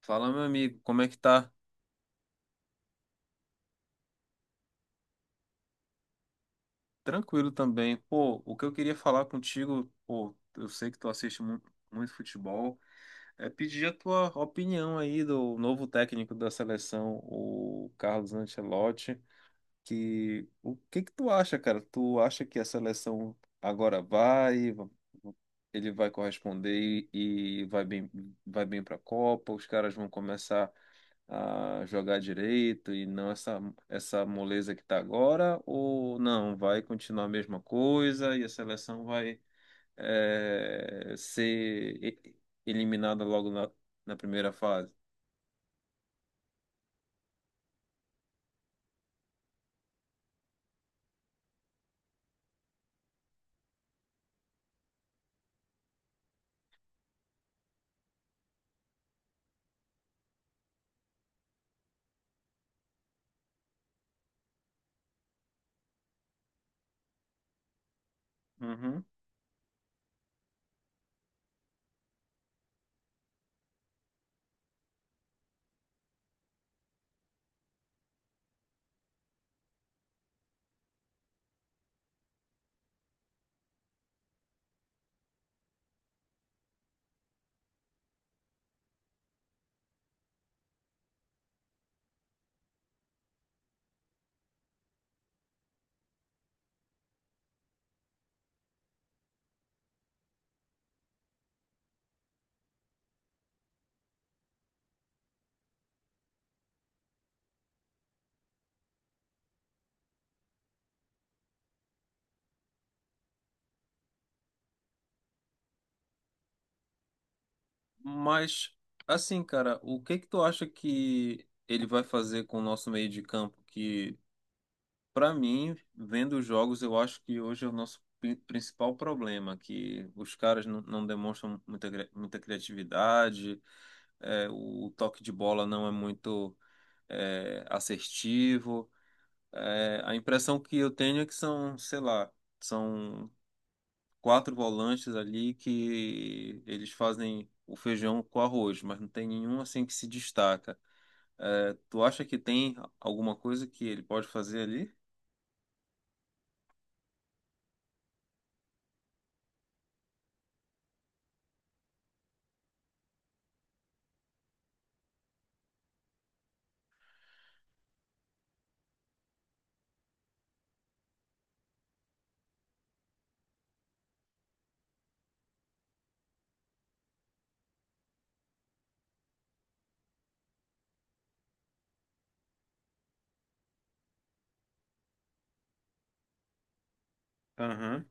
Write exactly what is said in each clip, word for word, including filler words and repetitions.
Fala, meu amigo, como é que tá? Tranquilo também. Pô, o que eu queria falar contigo, pô, eu sei que tu assiste mu- muito, futebol, é pedir a tua opinião aí do novo técnico da seleção, o Carlos Ancelotti. Que o que que tu acha, cara? Tu acha que a seleção agora vai, ele vai corresponder e, e vai bem, vai bem para a Copa? Os caras vão começar a jogar direito e não essa, essa moleza que está agora, ou não, vai continuar a mesma coisa e a seleção vai eh, ser e- eliminada logo na, na primeira fase. Uhum. Mas, assim, cara, o que que tu acha que ele vai fazer com o nosso meio de campo que Para mim, vendo os jogos, eu acho que hoje é o nosso pri- principal problema, que os caras não, não demonstram muita, cri- muita criatividade, é, o toque de bola não é muito é, assertivo. É, a impressão que eu tenho é que são, sei lá, são quatro volantes ali que eles fazem o feijão com arroz, mas não tem nenhum assim que se destaca. É, tu acha que tem alguma coisa que ele pode fazer ali? Aham.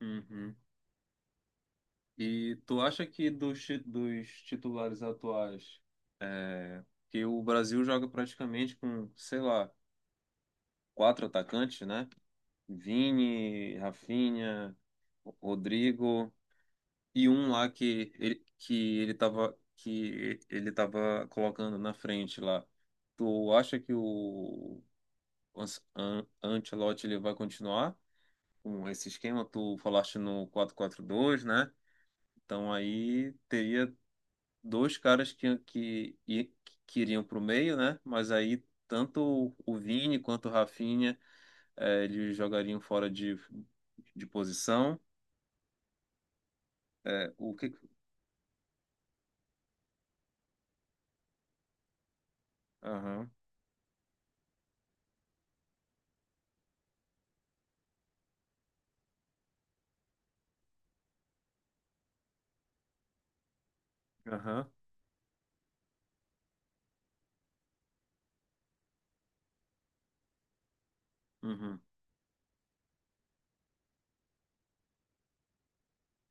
Uhum. E tu acha que dos, ti- dos titulares atuais, é, que o Brasil joga praticamente com, sei lá, quatro atacantes, né? Vini, Rafinha, Rodrigo e um lá que ele, que ele tava, que ele tava colocando na frente lá. Tu acha que o An- An- Ancelotti ele vai continuar com esse esquema? Tu falaste no quatro quatro dois, né? Então aí teria dois caras que, que, i- que iriam para o meio, né? Mas aí tanto o o Vini quanto o Rafinha eh, eles jogariam fora de, de posição. É, o que. Aham, aham, uhum,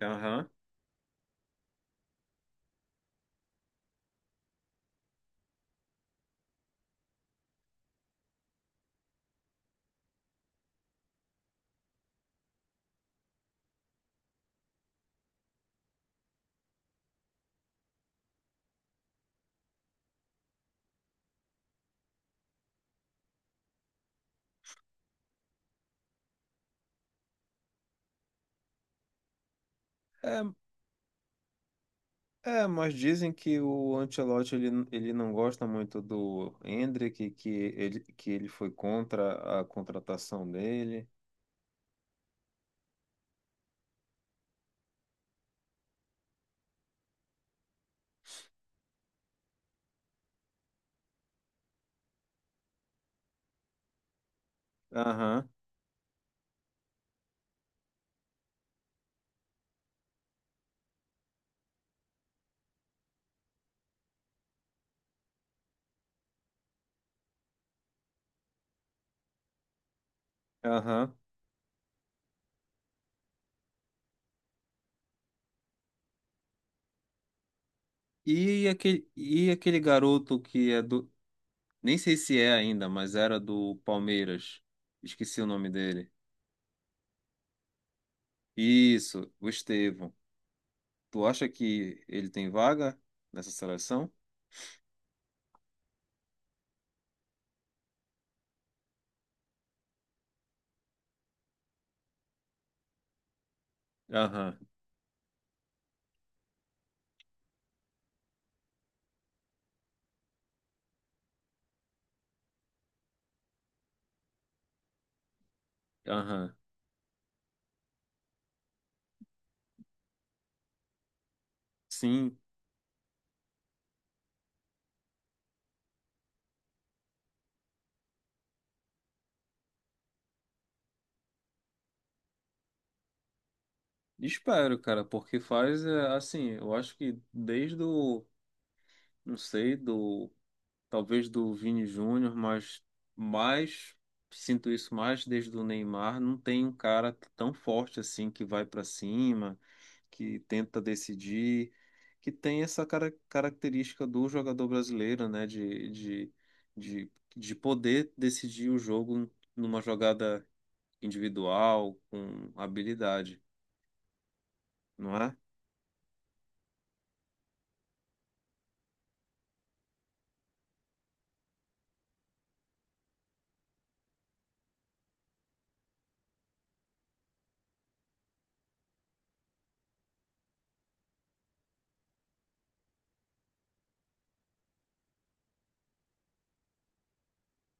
aham. É, é, mas dizem que o Ancelotti ele, ele não gosta muito do Endrick, que ele, que ele foi contra a contratação dele. Aham, aham. E aquele, e aquele garoto que é do, nem sei se é ainda, mas era do Palmeiras. Esqueci o nome dele. Isso, o Estevão. Tu acha que ele tem vaga nessa seleção? Aham, aham. Sim, espero, cara, porque faz é, assim, eu acho que desde o, não sei, do talvez do Vini Júnior, mas mais sinto isso mais desde o Neymar, não tem um cara tão forte assim que vai para cima, que tenta decidir, que tem essa cara- característica do jogador brasileiro, né, de, de, de, de poder decidir o jogo numa jogada individual, com habilidade, não é?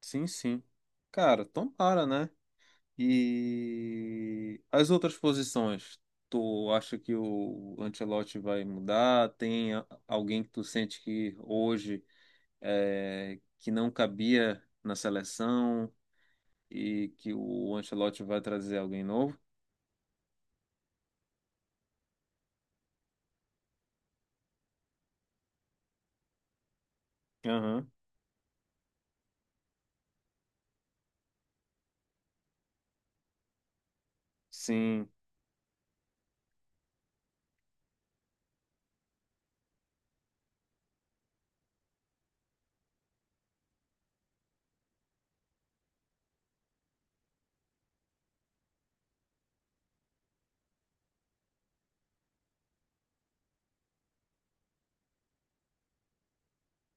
Sim, sim. Cara, tomara, né? E as outras posições, tu acha que o Ancelotti vai mudar? Tem a- alguém que tu sente que hoje é, que não cabia na seleção e que o Ancelotti vai trazer alguém novo? Aham, sim,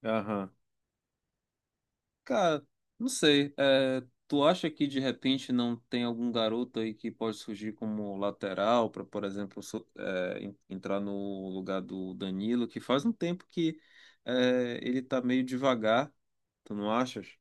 aham. Cara, não sei. É, tu acha que de repente não tem algum garoto aí que pode surgir como lateral para, por exemplo, so- é, en- entrar no lugar do Danilo, que faz um tempo que é, ele tá meio devagar, tu não achas?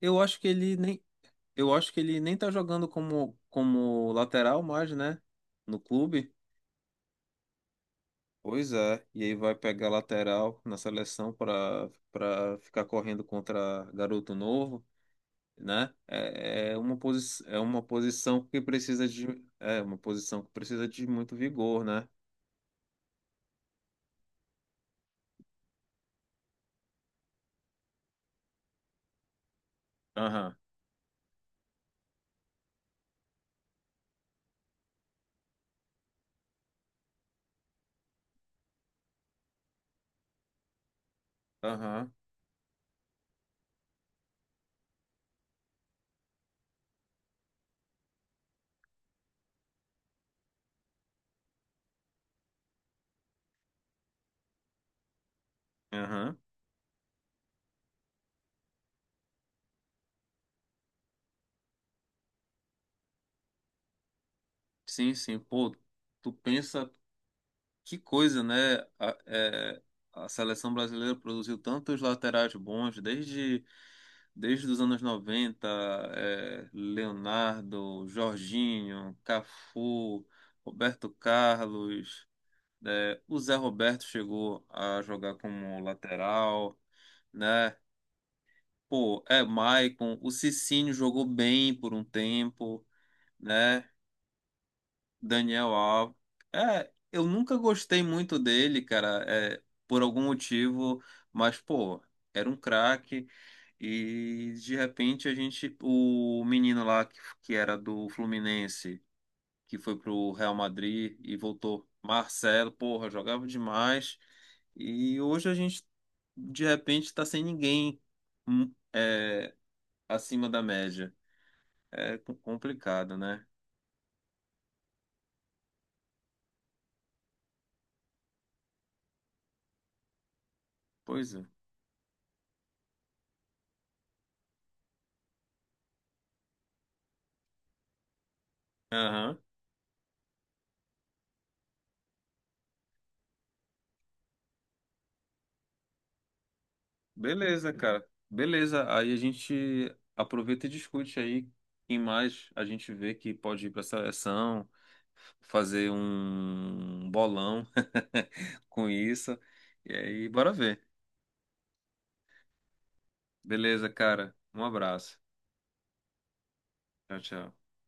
Eu acho que ele nem, eu acho que ele nem tá jogando como, como lateral mais, né? No clube. Pois é, e aí vai pegar lateral na seleção para para ficar correndo contra garoto novo, né? É, é uma posi é uma posição que precisa de, é uma posição que precisa de muito vigor, né? Aham, aham, aham. Sim, sim. Pô, tu pensa que coisa, né? A, é, a seleção brasileira produziu tantos laterais bons desde desde os anos noventa, é, Leonardo, Jorginho, Cafu, Roberto Carlos. É, o Zé Roberto chegou a jogar como lateral, né? Pô, é Maicon, o Cicinho jogou bem por um tempo, né? Daniel Alves. É, eu nunca gostei muito dele, cara, é, por algum motivo, mas, pô, era um craque. E de repente a gente, o menino lá que, que era do Fluminense, que foi pro Real Madrid e voltou, Marcelo, porra, jogava demais. E hoje a gente de repente tá sem ninguém, hum, é, acima da média. É co- complicado, né? Pois é. Aham. Beleza, cara. Beleza. Aí a gente aproveita e discute aí quem mais a gente vê que pode ir para a seleção, fazer um bolão com isso. E aí, bora ver. Beleza, cara. Um abraço. Tchau, tchau.